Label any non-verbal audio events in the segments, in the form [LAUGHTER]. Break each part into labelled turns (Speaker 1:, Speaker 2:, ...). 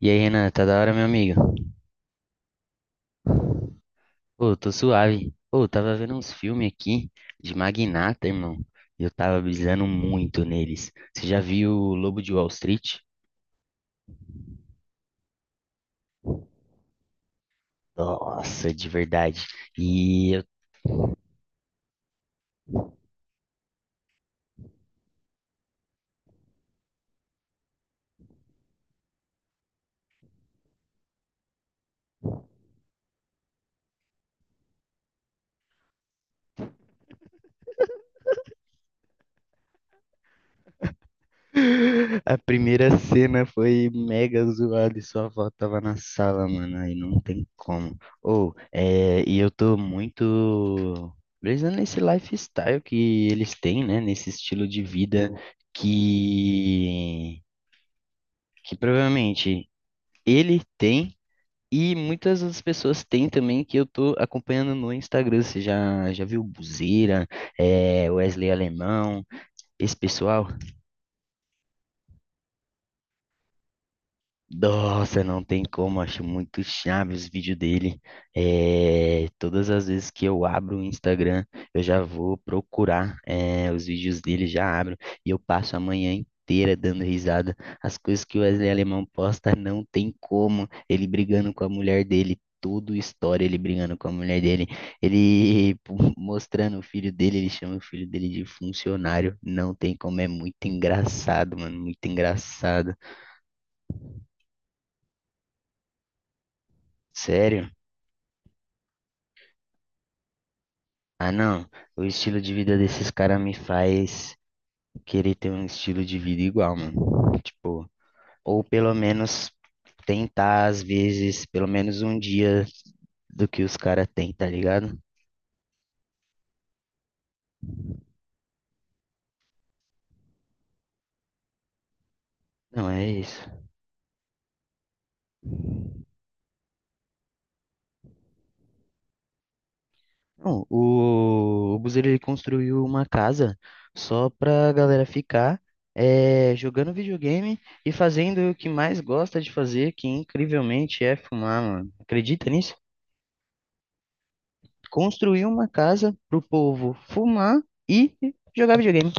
Speaker 1: E aí, Renan, tá da hora, meu amigo? Pô, tô suave. Pô, tava vendo uns filmes aqui de Magnata, irmão. E eu tava brisando muito neles. Você já viu o Lobo de Wall Street? Nossa, de verdade. E eu... [GASPS] A primeira cena foi mega zoada e sua avó tava na sala, mano. Aí não tem como. Ô, é... e eu tô muito brisando nesse lifestyle que eles têm, né? Nesse estilo de vida que que provavelmente ele tem e muitas outras pessoas têm também que eu tô acompanhando no Instagram. Você já viu Buzeira, é Wesley Alemão, esse pessoal. Nossa, não tem como, acho muito chave os vídeos dele. É, todas as vezes que eu abro o Instagram, eu já vou procurar, é, os vídeos dele, já abro e eu passo a manhã inteira dando risada. As coisas que o Wesley Alemão posta, não tem como. Ele brigando com a mulher dele, tudo história ele brigando com a mulher dele. Ele [LAUGHS] mostrando o filho dele, ele chama o filho dele de funcionário. Não tem como, é muito engraçado, mano, muito engraçado. Sério? Ah, não. O estilo de vida desses caras me faz querer ter um estilo de vida igual, mano. Tipo, ou pelo menos tentar, às vezes, pelo menos um dia do que os caras têm, tá ligado? Não, é isso. Não, o Buzeiro, ele construiu uma casa só pra galera ficar é, jogando videogame e fazendo o que mais gosta de fazer, que incrivelmente é fumar, mano. Acredita nisso? Construir uma casa pro povo fumar e jogar videogame.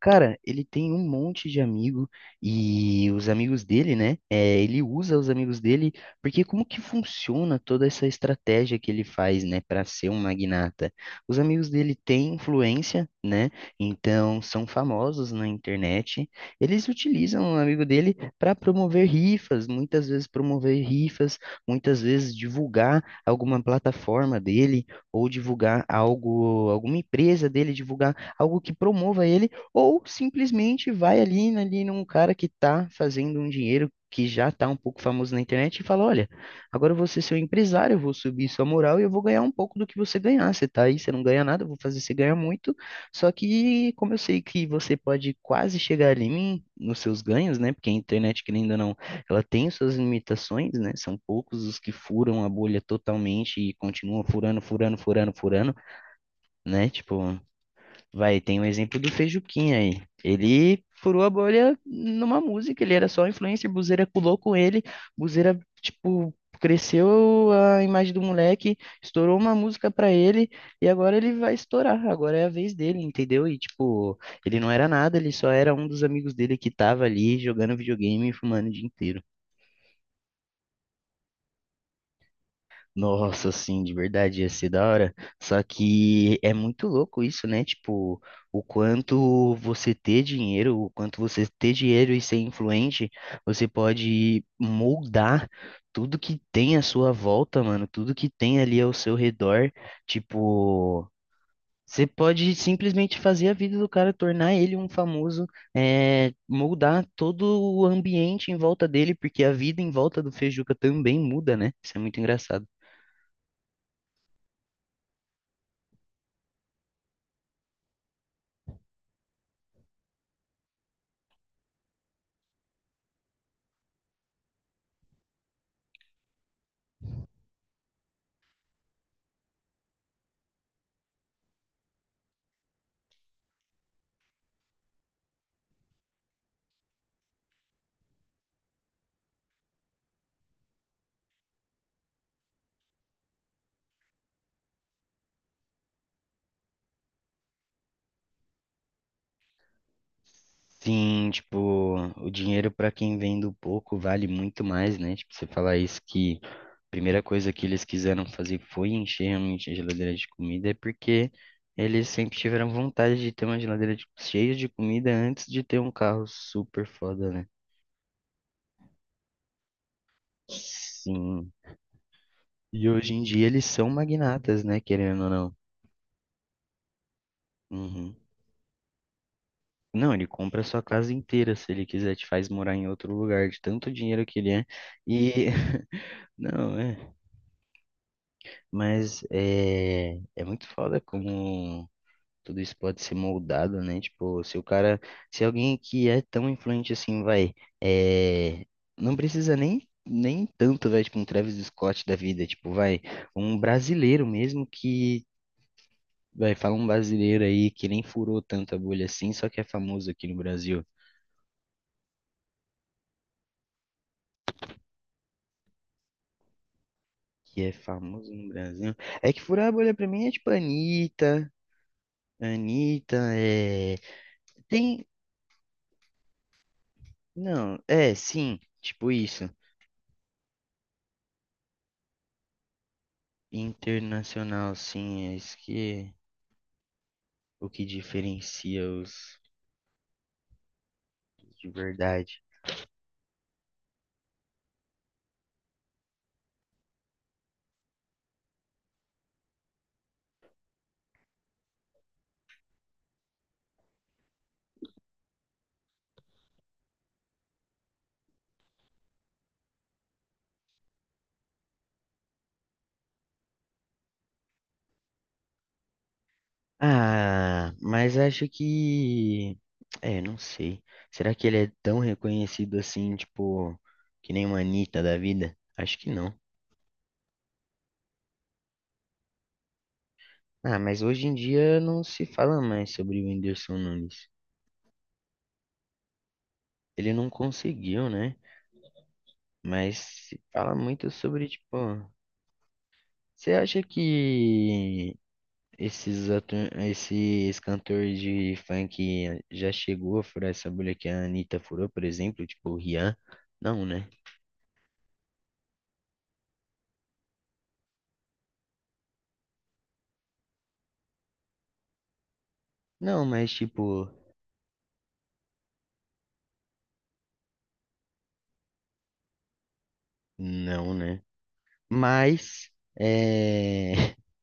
Speaker 1: Cara, ele tem um monte de amigo e os amigos dele, né? É, ele usa os amigos dele, porque como que funciona toda essa estratégia que ele faz, né, para ser um magnata? Os amigos dele têm influência, né? Então são famosos na internet. Eles utilizam o amigo dele para promover rifas, muitas vezes promover rifas, muitas vezes divulgar alguma plataforma dele ou divulgar algo, alguma empresa dele, divulgar algo que promova ele ou simplesmente vai ali, né, ali num cara que está fazendo um dinheiro que já está um pouco famoso na internet e fala: Olha, agora eu vou ser seu empresário, eu vou subir sua moral e eu vou ganhar um pouco do que você ganhar. Você tá aí, você não ganha nada, eu vou fazer você ganhar muito. Só que, como eu sei que você pode quase chegar ali em mim, nos seus ganhos, né? Porque a internet, querendo ou não, ela tem suas limitações, né? São poucos os que furam a bolha totalmente e continuam furando, furando, furando, furando, né? Tipo. Vai, tem o exemplo do Feijuquinha aí. Ele furou a bolha numa música, ele era só influencer, Buzeira pulou com ele, Buzeira, tipo, cresceu a imagem do moleque, estourou uma música pra ele, e agora ele vai estourar, agora é a vez dele, entendeu? E, tipo, ele não era nada, ele só era um dos amigos dele que tava ali jogando videogame e fumando o dia inteiro. Nossa, sim, de verdade, ia ser da hora. Só que é muito louco isso, né? Tipo, o quanto você ter dinheiro, o quanto você ter dinheiro e ser influente, você pode moldar tudo que tem à sua volta, mano, tudo que tem ali ao seu redor. Tipo, você pode simplesmente fazer a vida do cara, tornar ele um famoso, é, moldar todo o ambiente em volta dele, porque a vida em volta do Feijuca também muda, né? Isso é muito engraçado. Sim, tipo, o dinheiro para quem vem do pouco vale muito mais, né? Tipo, você falar isso que a primeira coisa que eles quiseram fazer foi encher realmente a geladeira de comida, é porque eles sempre tiveram vontade de ter uma geladeira de- cheia de comida antes de ter um carro super foda, né? Sim. E hoje em dia eles são magnatas, né? Querendo ou não. Uhum. Não, ele compra a sua casa inteira, se ele quiser, te faz morar em outro lugar, de tanto dinheiro que ele é. E. [LAUGHS] Não, é. Mas é, é muito foda como tudo isso pode ser moldado, né? Tipo, se o cara, se alguém que é tão influente assim, vai, é, não precisa nem tanto, vai, tipo, um Travis Scott da vida, tipo, vai, um brasileiro mesmo que, vai, fala um brasileiro aí que nem furou tanto a bolha assim, só que é famoso aqui no Brasil, que é famoso no Brasil. É que furar a bolha pra mim é tipo Anitta, Anitta, é... Não, é, sim, tipo isso. Internacional, sim, é isso que o que diferencia os de verdade. Ah, mas acho que é, não sei. Será que ele é tão reconhecido assim, tipo, que nem uma Anitta da vida? Acho que não. Ah, mas hoje em dia não se fala mais sobre o Whindersson Nunes. Ele não conseguiu, né? Mas se fala muito sobre, tipo, você acha que esses, atu... esses cantores de funk já chegou a furar essa bolha que a Anitta furou, por exemplo, tipo o Rian? Não, né? Não, mas tipo, não, né? Mas é... [LAUGHS]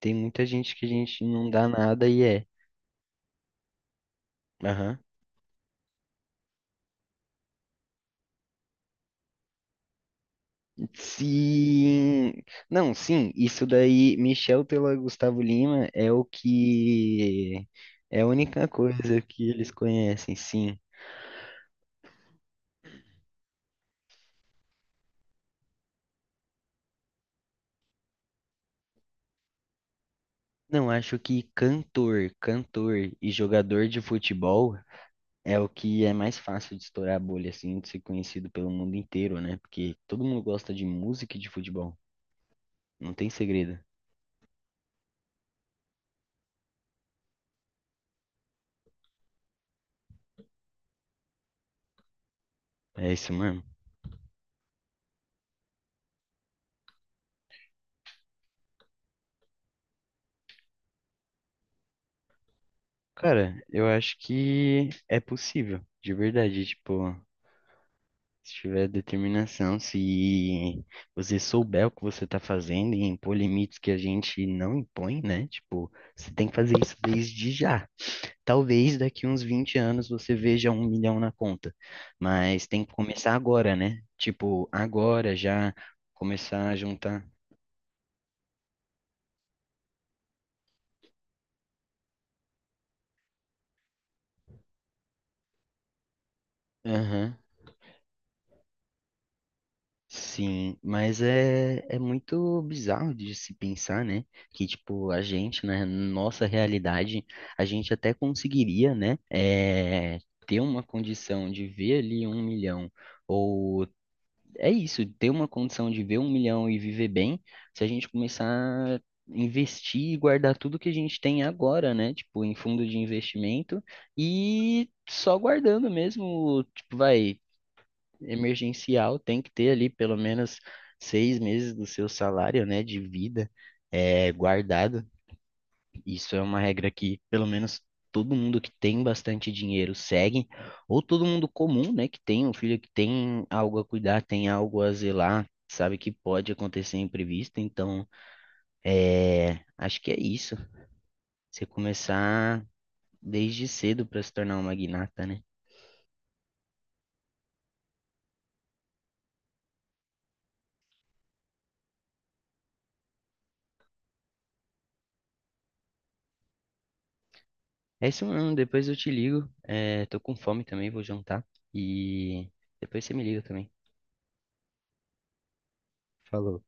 Speaker 1: tem muita gente que a gente não dá nada e é. Aham. Sim. Não, sim, isso daí, Michel Teló e Gustavo Lima é o que é a única coisa que eles conhecem, sim. Não, acho que cantor, cantor e jogador de futebol é o que é mais fácil de estourar a bolha, assim, de ser conhecido pelo mundo inteiro, né? Porque todo mundo gosta de música e de futebol. Não tem segredo. É isso mesmo. Cara, eu acho que é possível, de verdade. Tipo, se tiver determinação, se você souber o que você tá fazendo e impor limites que a gente não impõe, né? Tipo, você tem que fazer isso desde já. Talvez daqui uns 20 anos você veja um milhão na conta, mas tem que começar agora, né? Tipo, agora já começar a juntar. Aham, sim, mas é, é muito bizarro de se pensar, né? Que, tipo, a gente, na nossa realidade, a gente até conseguiria, né? É, ter uma condição de ver ali um milhão ou é isso, ter uma condição de ver um milhão e viver bem, se a gente começar a investir e guardar tudo que a gente tem agora, né? Tipo, em fundo de investimento e só guardando mesmo, tipo, vai, emergencial, tem que ter ali pelo menos 6 meses do seu salário, né, de vida, é, guardado. Isso é uma regra que, pelo menos, todo mundo que tem bastante dinheiro segue, ou todo mundo comum, né, que tem um filho que tem algo a cuidar, tem algo a zelar, sabe que pode acontecer imprevisto, então, é, acho que é isso. Você começar desde cedo para se tornar um magnata, né? É isso, mano. Depois eu te ligo. É, tô com fome também, vou jantar. E depois você me liga também. Falou.